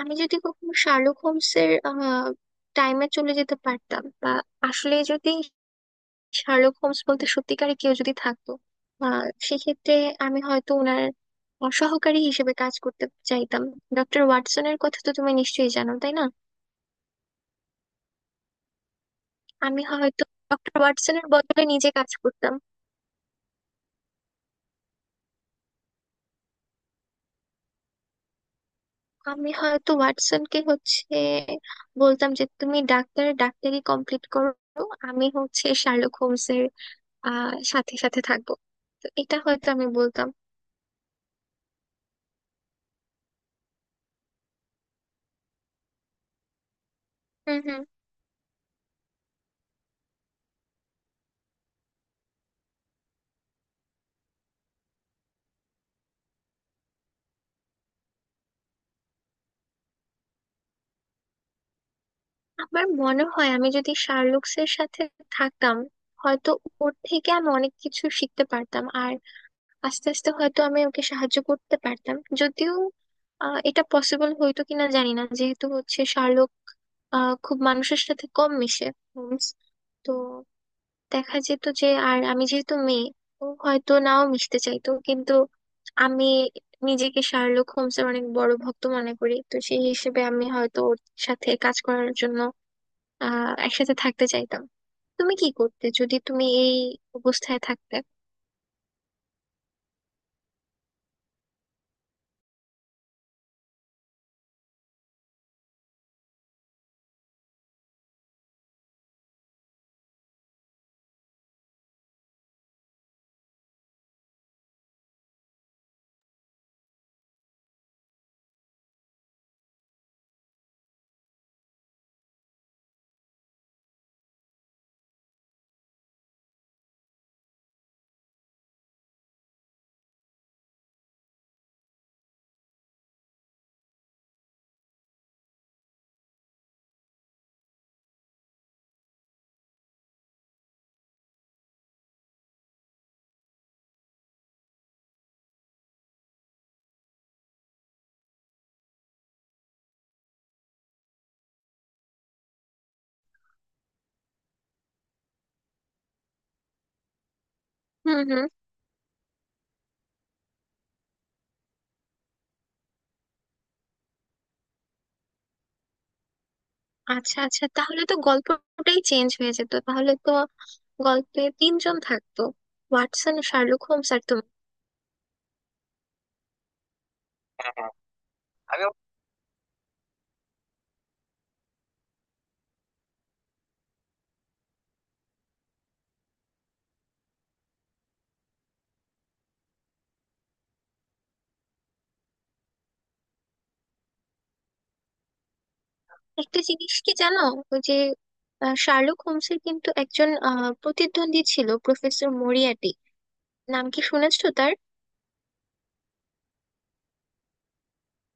আমি যদি কখনো শার্লক হোমসের টাইমে চলে যেতে পারতাম বা আসলে যদি শার্লক হোমস বলতে সত্যিকারে কেউ যদি থাকতো, সেক্ষেত্রে আমি হয়তো ওনার সহকারী হিসেবে কাজ করতে চাইতাম। ডক্টর ওয়াটসনের কথা তো তুমি নিশ্চয়ই জানো, তাই না? আমি হয়তো ডক্টর ওয়াটসনের বদলে নিজে কাজ করতাম। আমি হয়তো ওয়াটসনকে হচ্ছে বলতাম যে তুমি ডাক্তার, ডাক্তারি কমপ্লিট করো, আমি হচ্ছে শার্লক হোমসের সাথে সাথে থাকবো। তো এটা হয়তো আমি বলতাম। হুম হুম। আমার মনে হয় আমি যদি শার্লুকসের সাথে থাকতাম, হয়তো ওর থেকে আমি অনেক কিছু শিখতে পারতাম আর আস্তে আস্তে হয়তো আমি ওকে সাহায্য করতে পারতাম। যদিও এটা পসিবল হয়তো কিনা জানি না, যেহেতু হচ্ছে শার্লক খুব মানুষের সাথে কম মিশে, হোমস। তো দেখা যেত যে আর আমি যেহেতু মেয়ে, ও হয়তো নাও মিশতে চাইতো, কিন্তু আমি নিজেকে শার্লক হোমসের অনেক বড় ভক্ত মনে করি, তো সেই হিসেবে আমি হয়তো ওর সাথে কাজ করার জন্য একসাথে থাকতে চাইতাম। তুমি কি করতে যদি তুমি এই অবস্থায় থাকতে? হুম হুম। আচ্ছা আচ্ছা, তাহলে তো গল্পটাই চেঞ্জ হয়ে যেত, তাহলে তো গল্পে তিনজন থাকতো, ওয়াটসন, শার্লক হোমস আর তুমি। হ্যাঁ হ্যাঁ। একটা জিনিস কি জানো? ওই যে শার্লক হোমসের কিন্তু একজন প্রতিদ্বন্দ্বী ছিল, প্রফেসর মরিয়াটি, নাম কি শুনেছো তার?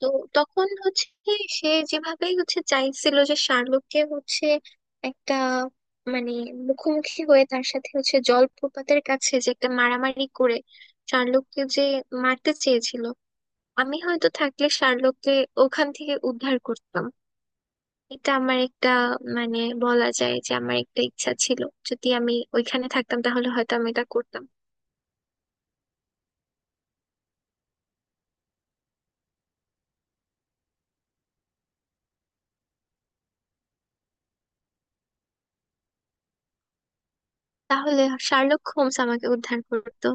তো তখন হচ্ছে কি, সে যেভাবেই হচ্ছে চাইছিল যে শার্লককে হচ্ছে একটা, মানে, মুখোমুখি হয়ে তার সাথে হচ্ছে জলপ্রপাতের কাছে যে একটা মারামারি করে শার্লককে যে মারতে চেয়েছিল, আমি হয়তো থাকলে শার্লককে ওখান থেকে উদ্ধার করতাম। এটা আমার একটা, মানে, বলা যায় যে আমার একটা ইচ্ছা ছিল। যদি আমি ওইখানে থাকতাম তাহলে হয়তো আমি এটা করতাম। তাহলে শার্লক হোমস আমাকে উদ্ধার করতো।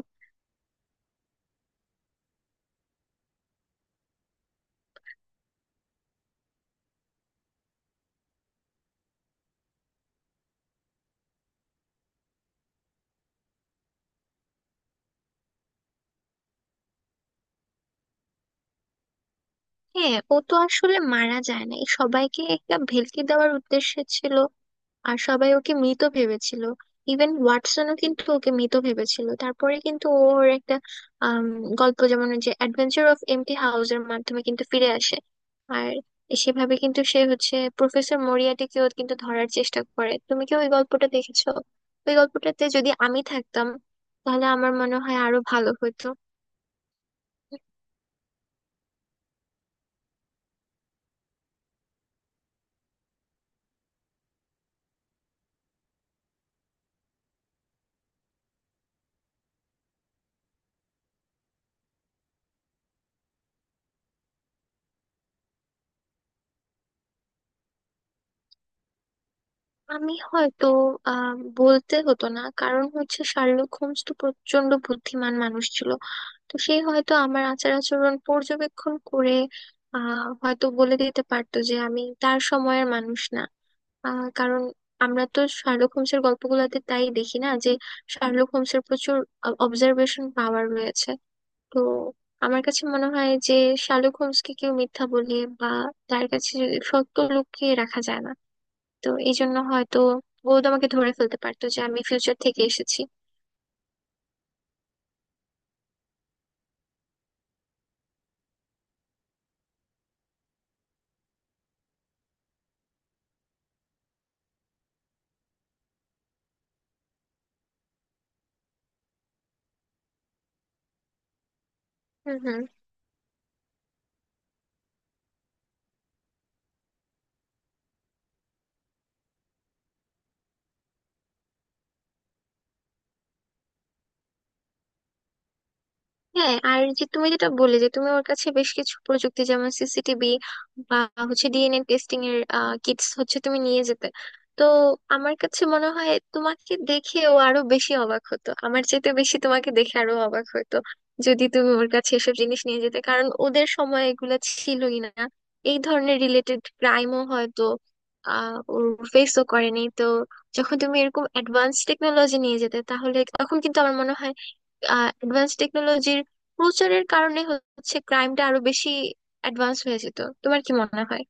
হ্যাঁ, ও তো আসলে মারা যায় না, এই সবাইকে একটা ভেলকি দেওয়ার উদ্দেশ্য ছিল আর সবাই ওকে মৃত ভেবেছিল। ইভেন ওয়াটসনও কিন্তু ওকে মৃত ভেবেছিল, তারপরে কিন্তু ওর একটা আম, গল্প, যেমন ওই যে অ্যাডভেঞ্চার অফ এমটি হাউসের মাধ্যমে কিন্তু ফিরে আসে, আর সেভাবে কিন্তু সে হচ্ছে প্রফেসর মরিয়াটিকেও কিন্তু ধরার চেষ্টা করে। তুমি কি ওই গল্পটা দেখেছো? ওই গল্পটাতে যদি আমি থাকতাম তাহলে আমার মনে হয় আরো ভালো হতো। আমি হয়তো বলতে হতো না, কারণ হচ্ছে শার্লক হোমস তো প্রচন্ড বুদ্ধিমান মানুষ ছিল, তো সে হয়তো আমার আচার আচরণ পর্যবেক্ষণ করে হয়তো বলে দিতে পারতো যে আমি তার সময়ের মানুষ না। কারণ আমরা তো শার্লক হোমসের গল্পগুলোতে তাই দেখি না, যে শার্লক হোমসের প্রচুর অবজারভেশন পাওয়ার রয়েছে। তো আমার কাছে মনে হয় যে শার্লক হোমসকে কেউ মিথ্যা বলে বা তার কাছে সত্য লুকিয়ে রাখা যায় না। তো এই জন্য হয়তো ও তো আমাকে ধরে ফেলতে পারতো যে আমি ফিউচার থেকে এসেছি। হুম হুম। হ্যাঁ, আর যে তুমি যেটা বললে যে তুমি ওর কাছে বেশ কিছু প্রযুক্তি যেমন সিসিটিভি বা হচ্ছে ডিএনএ টেস্টিং এর কিটস হচ্ছে তুমি নিয়ে যেতে, তো আমার কাছে মনে হয় তোমাকে দেখে ও আরো বেশি অবাক হতো, আমার চাইতে বেশি তোমাকে দেখে আরো অবাক হতো, যদি তুমি ওর কাছে এসব জিনিস নিয়ে যেতে, কারণ ওদের সময় এগুলো ছিলই না। এই ধরনের রিলেটেড ক্রাইমও হয়তো ওর ফেসও করেনি, তো যখন তুমি এরকম অ্যাডভান্স টেকনোলজি নিয়ে যেতে, তাহলে তখন কিন্তু আমার মনে হয় অ্যাডভান্স টেকনোলজির প্রচারের কারণে হচ্ছে ক্রাইমটা আরো বেশি অ্যাডভান্স হয়ে যেত। তোমার কি মনে হয়?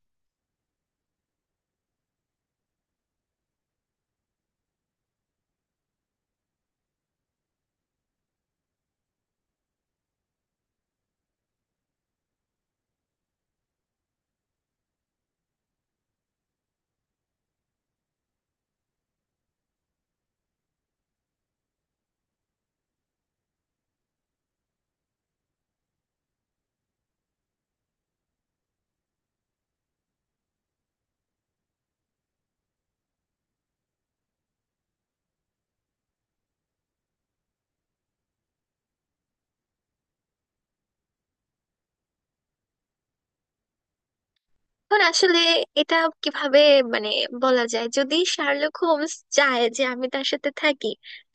এখন আসলে এটা কিভাবে, মানে, বলা যায়, যদি শার্লক হোমস চায় যে আমি তার সাথে থাকি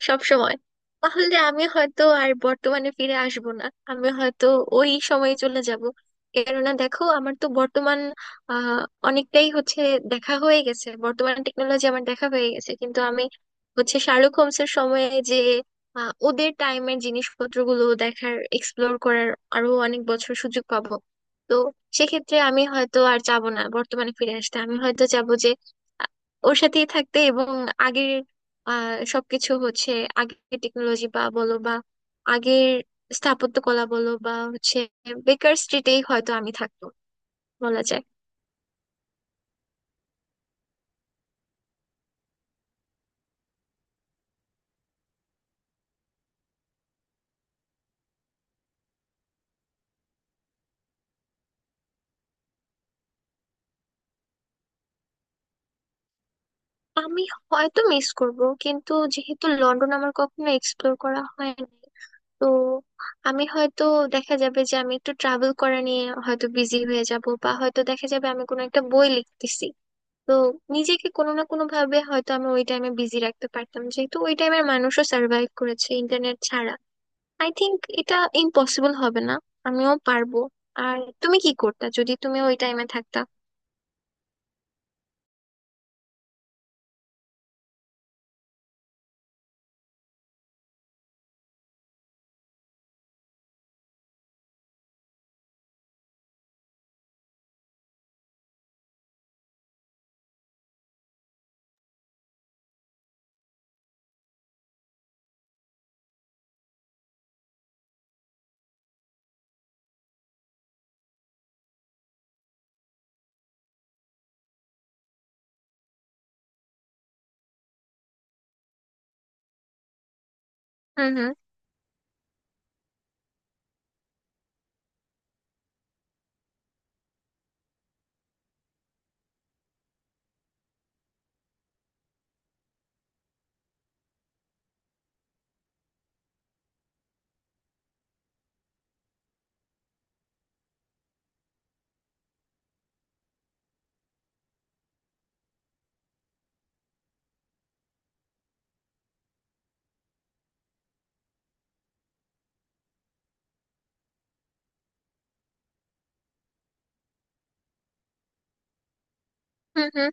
সব সময়, তাহলে আমি হয়তো আর বর্তমানে ফিরে আসব না, আমি হয়তো ওই সময়ে চলে যাব। কেননা দেখো, আমার তো বর্তমান আহ অনেকটাই হচ্ছে দেখা হয়ে গেছে, বর্তমান টেকনোলজি আমার দেখা হয়ে গেছে, কিন্তু আমি হচ্ছে শার্লক হোমসের সময়ে যে ওদের টাইমের জিনিসপত্রগুলো দেখার, এক্সপ্লোর করার আরো অনেক বছর সুযোগ পাবো। সেক্ষেত্রে আমি হয়তো আর যাব না বর্তমানে ফিরে আসতে, আমি হয়তো যাব যে, আ- ওর সাথেই থাকতে, এবং আগের সবকিছু হচ্ছে, আগের টেকনোলজি বা বলো বা আগের স্থাপত্যকলা বলো বা হচ্ছে বেকার স্ট্রিটেই হয়তো আমি থাকতো, বলা যায়। আমি হয়তো মিস করব, কিন্তু যেহেতু লন্ডন আমার কখনো এক্সপ্লোর করা হয়নি, তো আমি হয়তো, দেখা যাবে যে আমি একটু ট্রাভেল করা নিয়ে হয়তো বিজি হয়ে যাব, বা হয়তো দেখা যাবে আমি কোনো একটা বই লিখতেছি। তো নিজেকে কোনো না কোনো ভাবে হয়তো আমি ওই টাইমে বিজি রাখতে পারতাম, যেহেতু ওই টাইমের মানুষও সার্ভাইভ করেছে ইন্টারনেট ছাড়া। আই থিংক এটা ইম্পসিবল হবে না, আমিও পারবো। আর তুমি কি করতা যদি তুমি ওই টাইমে থাকতা? হুম হুম। হুম হুম।